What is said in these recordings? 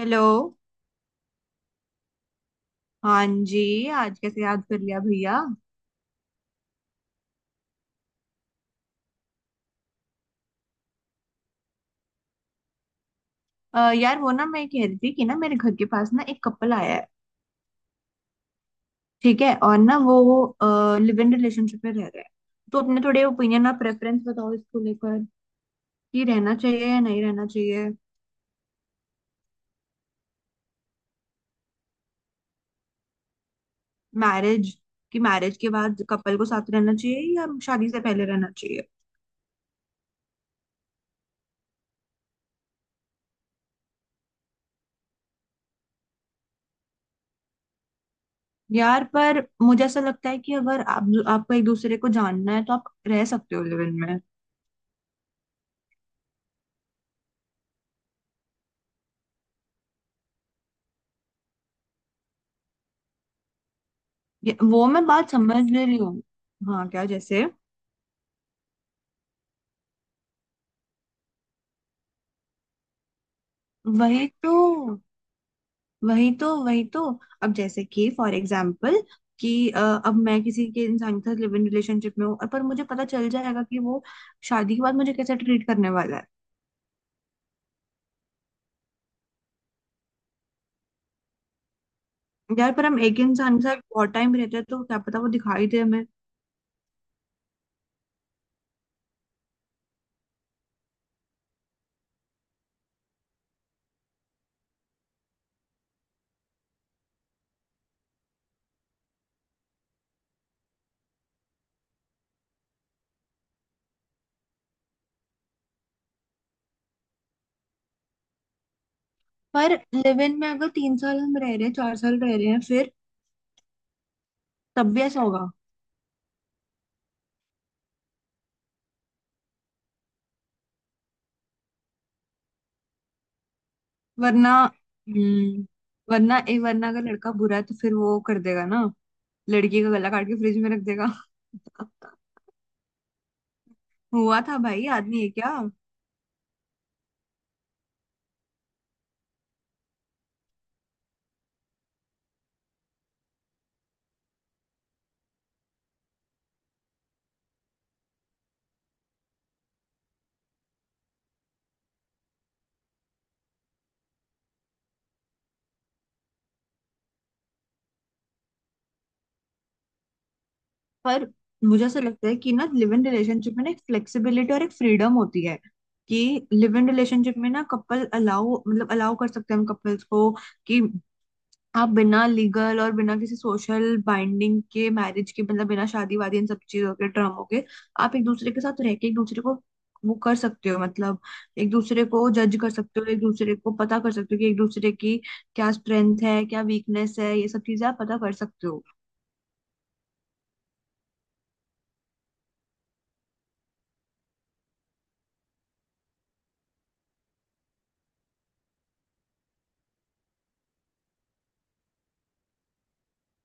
Hello. हाँ जी। आज कैसे याद कर लिया भैया? यार वो ना मैं कह रही थी कि ना मेरे घर के पास ना एक कपल आया है। ठीक है और ना वो लिव इन रिलेशनशिप में रह रहे हैं। तो अपने थोड़े ओपिनियन और प्रेफरेंस बताओ इसको लेकर कि रहना चाहिए या नहीं रहना चाहिए। मैरिज। कि मैरिज के बाद कपल को साथ रहना चाहिए या शादी से पहले रहना चाहिए? यार पर मुझे ऐसा लगता है कि अगर आप आपको एक दूसरे को जानना है तो आप रह सकते हो लिव इन में। वो मैं बात समझ ले रही हूँ। हाँ, क्या जैसे? वही तो। वही तो वही तो। अब जैसे कि फॉर एग्जाम्पल कि अब मैं किसी के इंसान के साथ लिव इन रिलेशनशिप में हूँ और पर मुझे पता चल जाएगा कि वो शादी के बाद मुझे कैसे ट्रीट करने वाला है। यार पर हम एक इंसान के साथ बहुत टाइम रहते हैं तो क्या पता वो दिखाई दे हमें। पर लिव इन में अगर 3 साल हम रह रहे हैं, 4 साल रह रहे हैं, फिर तब भी ऐसा होगा? वरना हम्म वरना ए वरना अगर लड़का बुरा है तो फिर वो कर देगा ना, लड़की का गला काट के फ्रिज में रख देगा। हुआ था भाई, आदमी है क्या? पर मुझे ऐसा लगता है कि ना लिव इन रिलेशनशिप में ना एक फ्लेक्सिबिलिटी और एक फ्रीडम होती है कि लिव इन रिलेशनशिप में ना कपल अलाउ मतलब अलाउ कर सकते हैं हम कपल्स को कि आप बिना लीगल और बिना किसी सोशल बाइंडिंग के मैरिज के मतलब बिना शादी वादी इन सब चीजों के ड्रामों के आप एक दूसरे के साथ रह के एक दूसरे को वो कर सकते हो मतलब एक दूसरे को जज कर सकते हो, एक दूसरे को पता कर सकते हो कि एक दूसरे की क्या स्ट्रेंथ है, क्या वीकनेस है, ये सब चीजें आप पता कर सकते हो।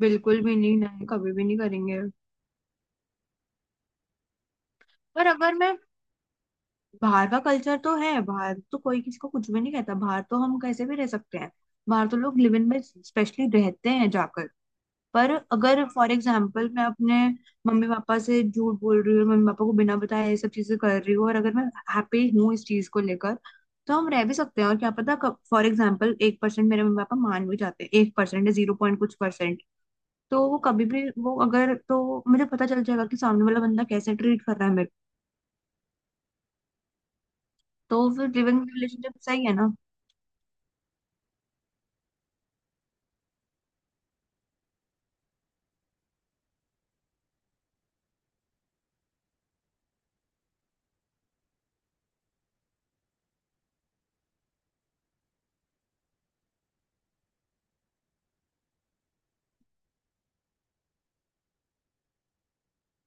बिल्कुल भी नहीं, नहीं कभी भी नहीं करेंगे। पर अगर मैं, बाहर का कल्चर तो है, बाहर तो कोई किसी को कुछ भी नहीं कहता, बाहर तो हम कैसे भी रह सकते हैं, बाहर तो लोग लिव इन में स्पेशली रहते हैं जाकर। पर अगर फॉर एग्जाम्पल मैं अपने मम्मी पापा से झूठ बोल रही हूँ, मम्मी पापा को बिना बताए ये सब चीजें कर रही हूँ और अगर मैं हैप्पी हूँ इस चीज को लेकर, तो हम रह भी सकते हैं, और क्या पता कब फॉर एग्जाम्पल 1% मेरे मम्मी पापा मान भी जाते हैं, 1% या जीरो पॉइंट कुछ परसेंट। तो वो कभी भी वो अगर तो मुझे पता चल जाएगा कि सामने वाला बंदा कैसे ट्रीट कर रहा है मेरे। तो फिर लिविंग रिलेशनशिप सही है ना?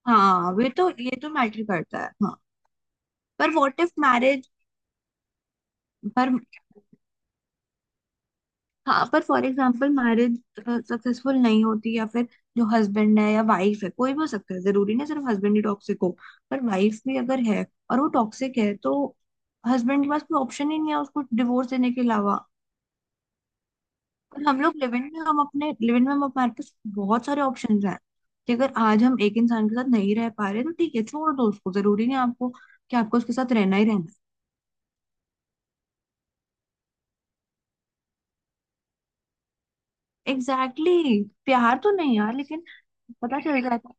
हाँ वे तो, ये तो मैटर करता है हाँ। पर व्हाट इफ मैरिज, पर हाँ पर फॉर एग्जांपल मैरिज सक्सेसफुल नहीं होती, या फिर जो हस्बैंड है या वाइफ है कोई भी हो सकता है, जरूरी नहीं सिर्फ हस्बैंड ही टॉक्सिक हो, पर वाइफ भी अगर है और वो टॉक्सिक है तो हस्बैंड के पास कोई ऑप्शन ही नहीं है उसको डिवोर्स देने के अलावा। और हम लोग लिव इन में, हम अपने लिव इन में हम हमारे पास बहुत सारे ऑप्शंस हैं कि अगर आज हम एक इंसान के साथ नहीं रह पा रहे तो ठीक है छोड़ दो उसको, जरूरी नहीं आपको कि आपको उसके साथ रहना ही रहना है। Exactly exactly। प्यार तो नहीं यार, लेकिन पता चल जाता है।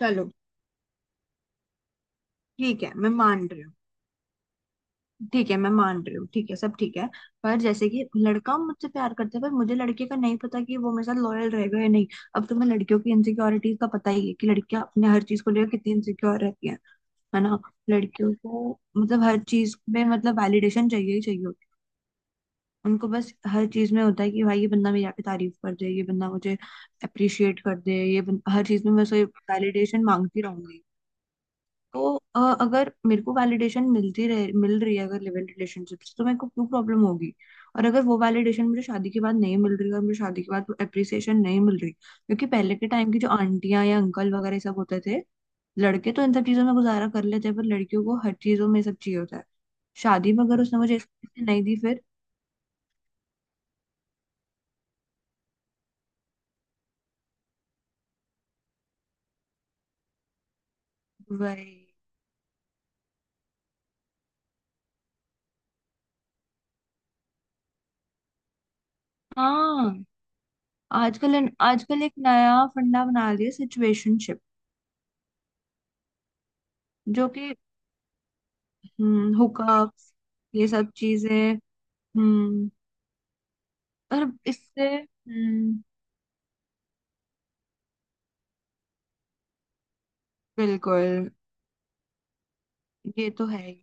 चलो ठीक है मैं मान रही हूँ, ठीक है मैं मान रही हूँ, ठीक है सब ठीक है। पर जैसे कि लड़का मुझसे प्यार करता है पर मुझे लड़के का नहीं पता कि वो मेरे साथ लॉयल रहेगा या नहीं। अब तुम्हें लड़कियों की इनसिक्योरिटीज का पता ही है कि लड़कियां अपने हर चीज को लेकर कितनी इनसिक्योर रहती हैं, है ना? लड़कियों को मतलब हर चीज में मतलब वैलिडेशन चाहिए ही चाहिए होती है। उनको बस हर चीज में होता है कि भाई ये बंदा मेरी आके तारीफ कर दे, ये बंदा मुझे अप्रिशिएट कर दे, हर चीज में मैं उसे वैलिडेशन मांगती रहूंगी। तो अगर मेरे को वैलिडेशन मिलती रहे, मिल रही है अगर लिव इन रिलेशनशिप से, तो मेरे को क्यों प्रॉब्लम होगी। और अगर वो वैलिडेशन मुझे शादी के बाद नहीं मिल रही और मुझे शादी के बाद वो अप्रिसिएशन नहीं मिल रही क्योंकि पहले के टाइम की जो आंटियां या अंकल वगैरह ये सब होते थे, लड़के तो इन सब चीजों में गुजारा कर लेते हैं पर लड़कियों को हर चीजों में ये सब चाहिए होता है। शादी में अगर उसने मुझे इस चीज़ से नहीं दी फिर, वही। हाँ। आजकल, आजकल एक नया फंडा बना लिया, सिचुएशनशिप, जो कि हुकअप, ये सब चीजें। हम्म। और इससे। हम्म। बिल्कुल। ये तो है ही।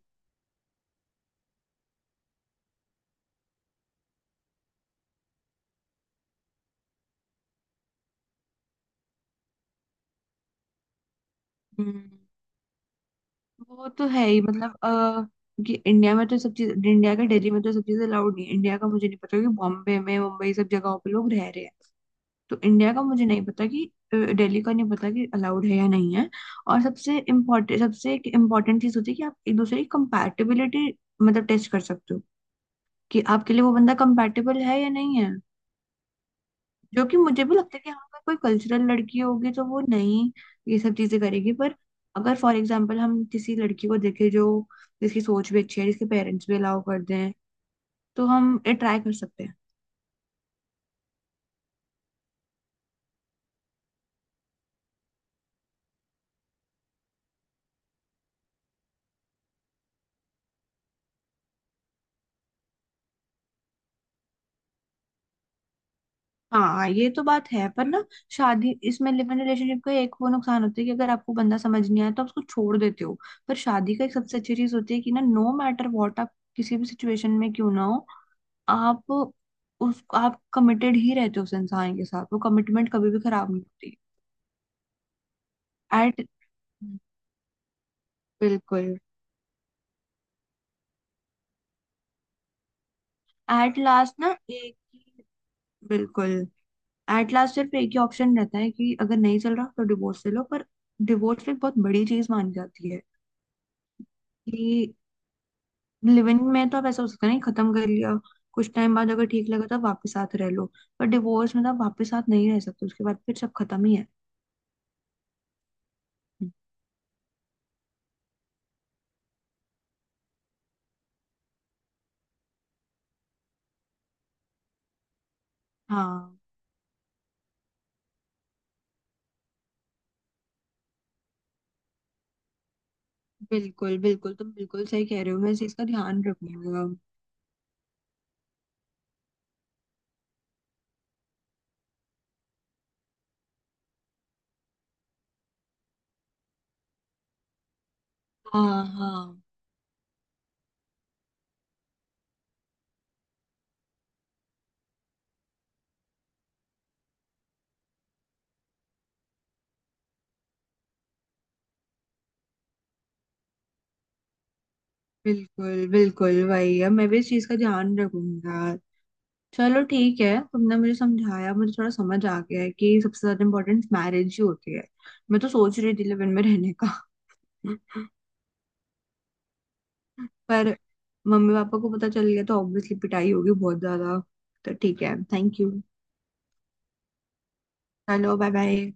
हम्म। वो तो है ही मतलब कि इंडिया में तो सब चीज, इंडिया का, दिल्ली में तो सब चीजें अलाउड नहीं है। इंडिया का मुझे नहीं पता कि बॉम्बे में, मुंबई, सब जगहों पे लोग रह रहे हैं। तो इंडिया का मुझे नहीं पता कि दिल्ली का नहीं पता कि अलाउड है या नहीं है। और सबसे इम्पोर्टेंट, सबसे एक इम्पोर्टेंट चीज होती है कि आप एक दूसरे की कंपैटिबिलिटी मतलब टेस्ट कर सकते हो कि आपके लिए वो बंदा कंपैटिबल है या नहीं। जो कि मुझे भी लगता है कि हाँ, अगर कोई कल्चरल लड़की होगी तो वो नहीं ये सब चीजें करेगी, पर अगर फॉर एग्जाम्पल हम किसी लड़की को देखें जो, जिसकी सोच भी अच्छी है, जिसके पेरेंट्स भी अलाउ कर दें, तो हम ट्राई कर सकते हैं। हाँ ये तो बात है पर ना, शादी, इसमें लिव इन रिलेशनशिप का एक वो नुकसान होता है कि अगर आपको बंदा समझ नहीं आया तो आप उसको छोड़ देते हो। पर शादी का एक सबसे अच्छी चीज होती है कि ना नो मैटर व्हाट आप किसी भी सिचुएशन में क्यों ना हो, आप उस, आप कमिटेड ही रहते हो उस इंसान के साथ, वो कमिटमेंट कभी भी खराब नहीं होती। एट। बिल्कुल। एट लास्ट ना एक ही। बिल्कुल। एट लास्ट सिर्फ एक ही ऑप्शन रहता है कि अगर नहीं चल रहा तो डिवोर्स ले लो, पर डिवोर्स एक बहुत बड़ी चीज मानी जाती है कि लिविंग में तो आप ऐसा हो सकता है नहीं, खत्म कर लिया, कुछ टाइम बाद अगर ठीक लगा तो वापस साथ रह लो, पर डिवोर्स में तो आप वापस साथ नहीं रह सकते, उसके बाद फिर सब खत्म ही है। हाँ। बिल्कुल बिल्कुल, तुम बिल्कुल सही कह रहे हो, मैं इस चीज का ध्यान रखूंगा। हाँ हाँ। बिल्कुल बिल्कुल वही, अब मैं भी इस चीज का ध्यान रखूंगा। चलो ठीक है, तुमने मुझे समझाया, मुझे थोड़ा समझ आ गया है कि सबसे ज्यादा इम्पोर्टेंस मैरिज ही होती है। मैं तो सोच रही थी लिव इन में रहने का। पर मम्मी पापा को पता चल गया तो ऑब्वियसली पिटाई होगी बहुत ज्यादा। तो ठीक है, थैंक यू। चलो बाय बाय।